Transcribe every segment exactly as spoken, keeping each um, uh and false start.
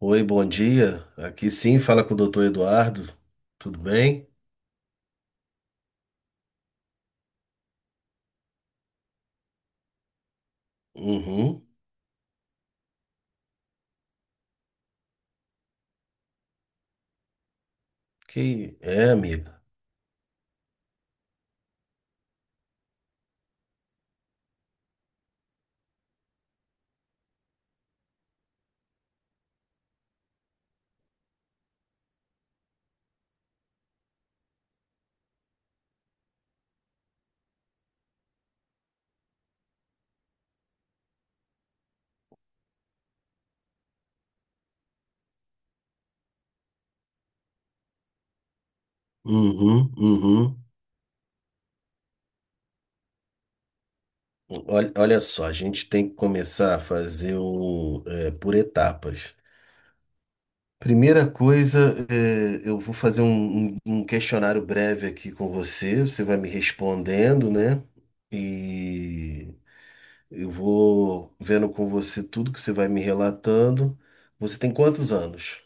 Oi, bom dia. Aqui sim, fala com o doutor Eduardo. Tudo bem? Uhum. Que é, amiga? Uhum, uhum. Olha, olha só, a gente tem que começar a fazer um, é, por etapas. Primeira coisa, é, eu vou fazer um, um- um questionário breve aqui com você. Você vai me respondendo, né? E eu vou vendo com você tudo que você vai me relatando. Você tem quantos anos?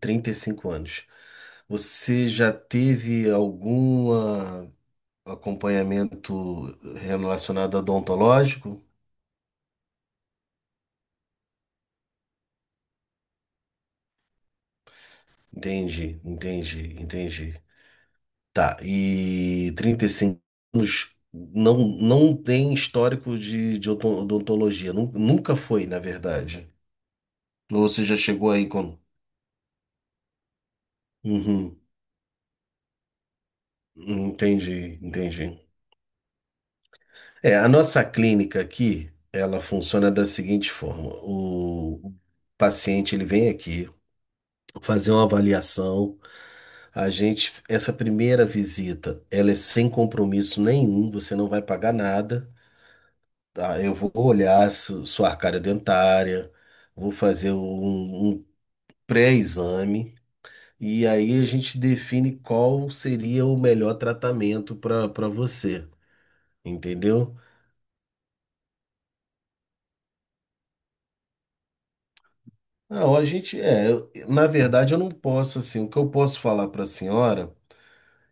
Trinta e cinco anos. Você já teve algum acompanhamento relacionado a odontológico? Entendi, entendi, entendi. Tá, e trinta e cinco anos não, não tem histórico de, de odon- odontologia, nu- nunca foi, na verdade. Ou você já chegou aí com. Uhum, entendi, entendi. É, a nossa clínica aqui, ela funciona da seguinte forma: o paciente ele vem aqui fazer uma avaliação. A gente, essa primeira visita, ela é sem compromisso nenhum, você não vai pagar nada, tá? Eu vou olhar su- sua arcária dentária, vou fazer um, um pré-exame e aí a gente define qual seria o melhor tratamento para para você, entendeu? Não, a gente é, eu- na verdade eu não posso assim, o que eu posso falar para a senhora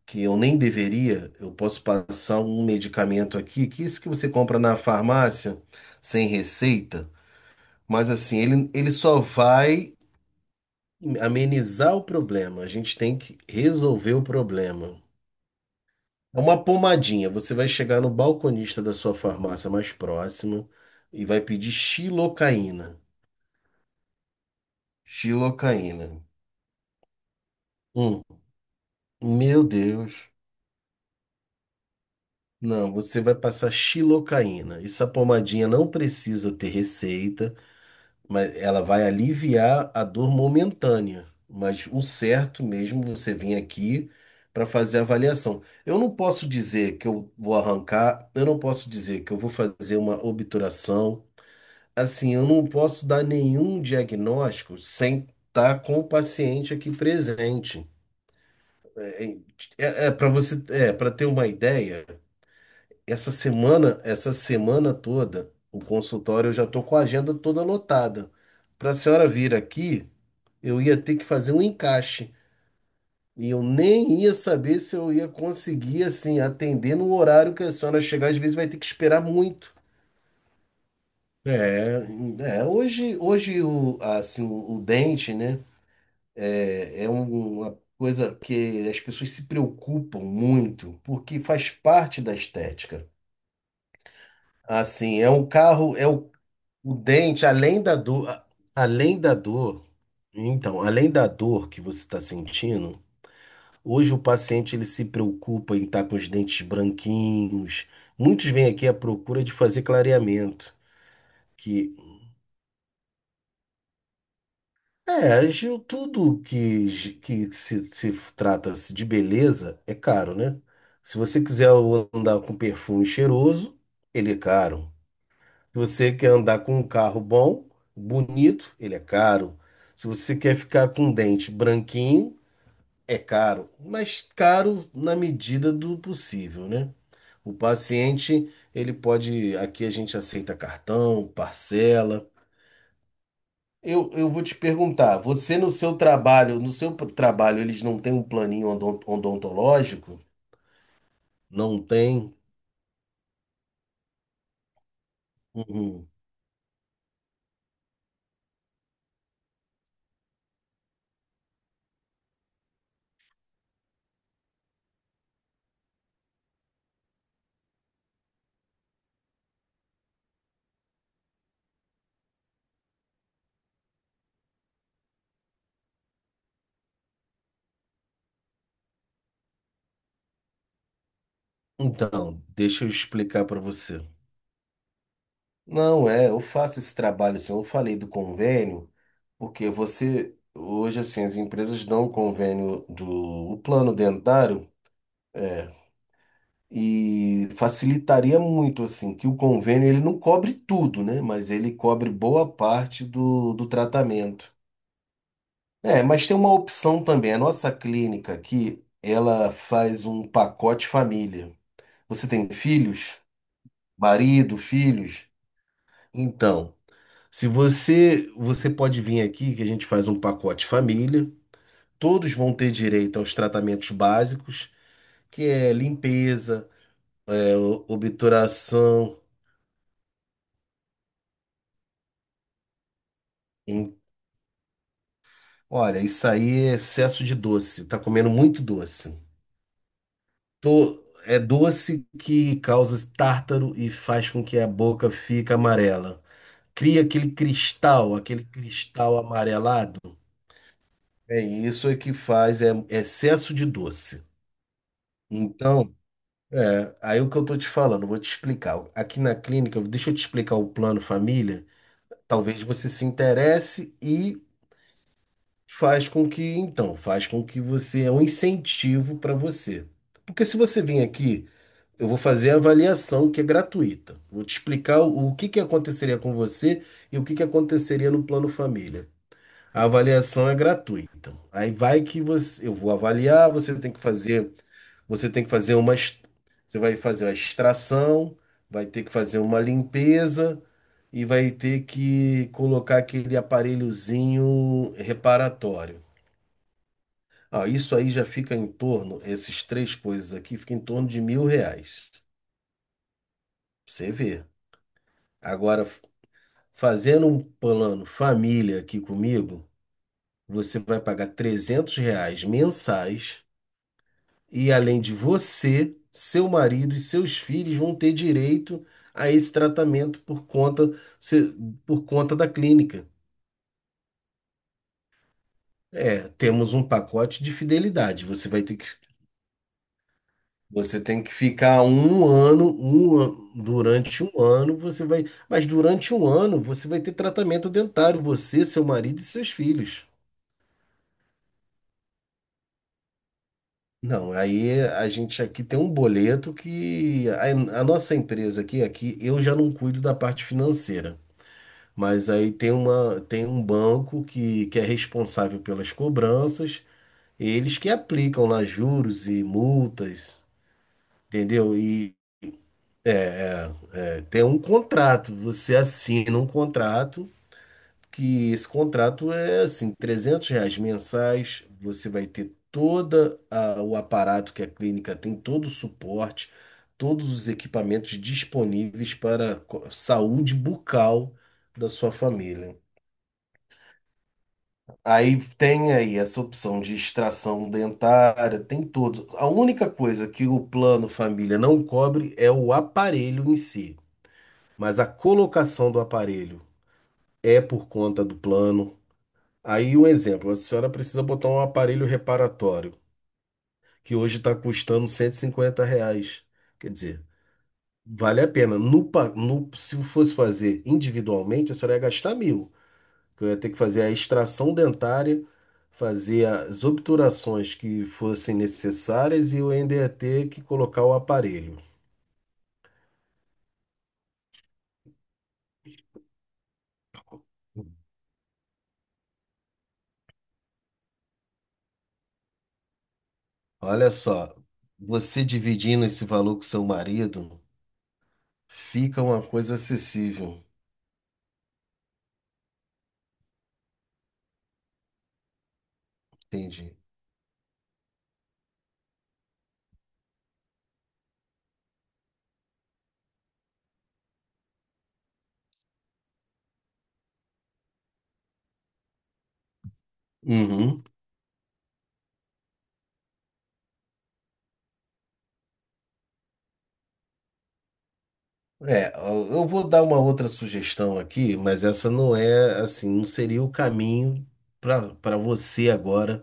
que eu nem deveria, eu posso passar um medicamento aqui, que isso que você compra na farmácia, sem receita, mas assim, ele, ele só vai amenizar o problema. A gente tem que resolver o problema. É uma pomadinha. Você vai chegar no balconista da sua farmácia mais próxima e vai pedir xilocaína. Xilocaína. Hum, meu Deus. Não, você vai passar xilocaína. Essa pomadinha não precisa ter receita. Mas ela vai aliviar a dor momentânea. Mas o certo mesmo, é você vir aqui para fazer a avaliação. Eu não posso dizer que eu vou arrancar, eu não posso dizer que eu vou fazer uma obturação. Assim, eu não posso dar nenhum diagnóstico sem estar com o paciente aqui presente. É, para você, é, para ter uma ideia, essa semana, essa semana toda, o consultório eu já estou com a agenda toda lotada. Para a senhora vir aqui, eu ia ter que fazer um encaixe. E eu nem ia saber se eu ia conseguir, assim, atender no horário que a senhora chegar. Às vezes vai ter que esperar muito. É, é, hoje, hoje o, assim, o, o dente, né, é, é um- uma coisa que as pessoas se preocupam muito, porque faz parte da estética. Assim, é um carro, é o, o dente, além da dor, a- além da dor, então, além da dor que você está sentindo, hoje o paciente ele se preocupa em estar com os dentes branquinhos. Muitos vêm aqui à procura de fazer clareamento, que é, agiu tudo que, gi- que se, se trata -se de beleza é caro, né? Se você quiser andar com perfume cheiroso, ele é caro. Se você quer andar com um carro bom, bonito, ele é caro. Se você quer ficar com um dente branquinho, é caro, mas caro na medida do possível, né? O paciente, ele pode. Aqui a gente aceita cartão, parcela. Eu, eu vou te perguntar, você no seu trabalho, no seu p- trabalho, eles não têm um planinho odon- odontológico? Não tem? Uhum. Então, deixa eu explicar para você. Não é, eu faço esse trabalho, assim, eu falei do convênio, porque você, hoje, assim, as empresas dão o convênio do, o plano dentário. É, e facilitaria muito, assim, que o convênio ele não cobre tudo, né? Mas ele cobre boa parte do, do tratamento. É, mas tem uma opção também. A nossa clínica aqui, ela faz um pacote família. Você tem filhos? Marido, filhos? Então, se você, você pode vir aqui que a gente faz um pacote família. Todos vão ter direito aos tratamentos básicos, que é limpeza, é, o- obturação. Olha, isso aí é excesso de doce. Tá comendo muito doce. Tô- é doce que causa tártaro e faz com que a boca fique amarela. Cria aquele cristal, aquele cristal amarelado. É isso é que faz, é excesso de doce. Então, é, aí o que eu tô te falando, eu vou te explicar. Aqui na clínica, deixa eu te explicar o plano família. Talvez você se interesse e faz com que, então, faz com que você é um incentivo para você. Porque se você vir aqui, eu vou fazer a avaliação que é gratuita. Vou te explicar o, o que que aconteceria com você e o que que aconteceria no plano família. A avaliação é gratuita. Aí vai que você, eu vou avaliar, você tem que fazer, você tem que fazer uma, ex- você vai fazer a extração, vai ter que fazer uma limpeza e vai ter que colocar aquele aparelhozinho reparatório. Ah, isso aí já fica em torno, esses três coisas aqui, fica em torno de mil reais. Pra você vê. Agora, f- fazendo um plano família aqui comigo, você vai pagar trezentos reais mensais e além de você, seu marido e seus filhos vão ter direito a esse tratamento por conta, se- por conta da clínica. É, temos um pacote de fidelidade. Você vai ter que você tem que ficar um ano, um, an- durante um ano você vai, mas durante um ano você vai ter tratamento dentário, você, seu marido e seus filhos. Não, aí a gente aqui tem um boleto que a, a nossa empresa aqui, aqui eu já não cuido da parte financeira, mas aí tem uma, tem um banco que, que é responsável pelas cobranças, eles que aplicam lá juros e multas, entendeu? E é, tem um contrato, você assina um contrato que esse contrato é assim, trezentos reais mensais, você vai ter toda o aparato que a clínica tem, todo o suporte, todos os equipamentos disponíveis para co- saúde bucal da sua família. Aí tem aí essa opção de extração dentária, tem tudo. A única coisa que o plano família não cobre é o aparelho em si, mas a colocação do aparelho é por conta do plano. Aí um exemplo, a senhora precisa botar um aparelho reparatório, que hoje está custando cento e cinquenta reais. Quer dizer, vale a pena. No, pa- no- se fosse fazer individualmente, a senhora ia gastar mil. Que eu ia ter que fazer a extração dentária, fazer as obturações que fossem necessárias e eu ainda ia ter que colocar o aparelho. Olha só, você dividindo esse valor com seu marido, fica uma coisa acessível. Entendi. Uhum. É, eu eu vou dar uma outra sugestão aqui, mas essa não é assim, não seria o caminho para para você agora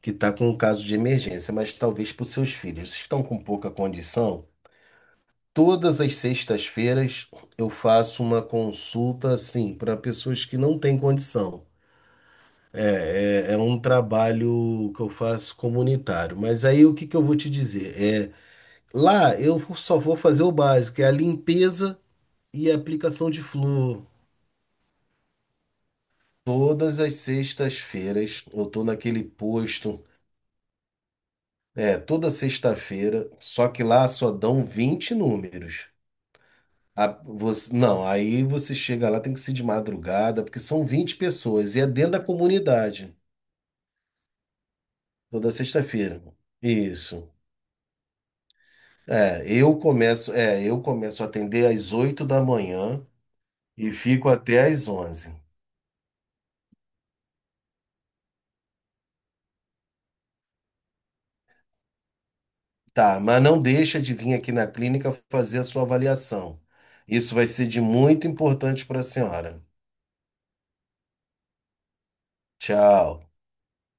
que está com um caso de emergência, mas talvez para os seus filhos. Vocês estão com pouca condição? Todas as sextas-feiras eu faço uma consulta assim para pessoas que não têm condição. É, é, é um trabalho que eu faço comunitário. Mas aí o que que eu vou te dizer? É, lá eu só vou fazer o básico, que é a limpeza e a aplicação de flúor. Todas as sextas-feiras eu tô naquele posto, é, toda sexta-feira, só que lá só dão vinte números. A- você- não, aí você chega lá, tem que ser de madrugada, porque são vinte pessoas e é dentro da comunidade, toda sexta-feira. Isso. É, eu começo, é, eu começo a atender às oito da manhã e fico até às onze. Tá, mas não deixa de vir aqui na clínica fazer a sua avaliação. Isso vai ser de muito importante para a senhora. Tchau.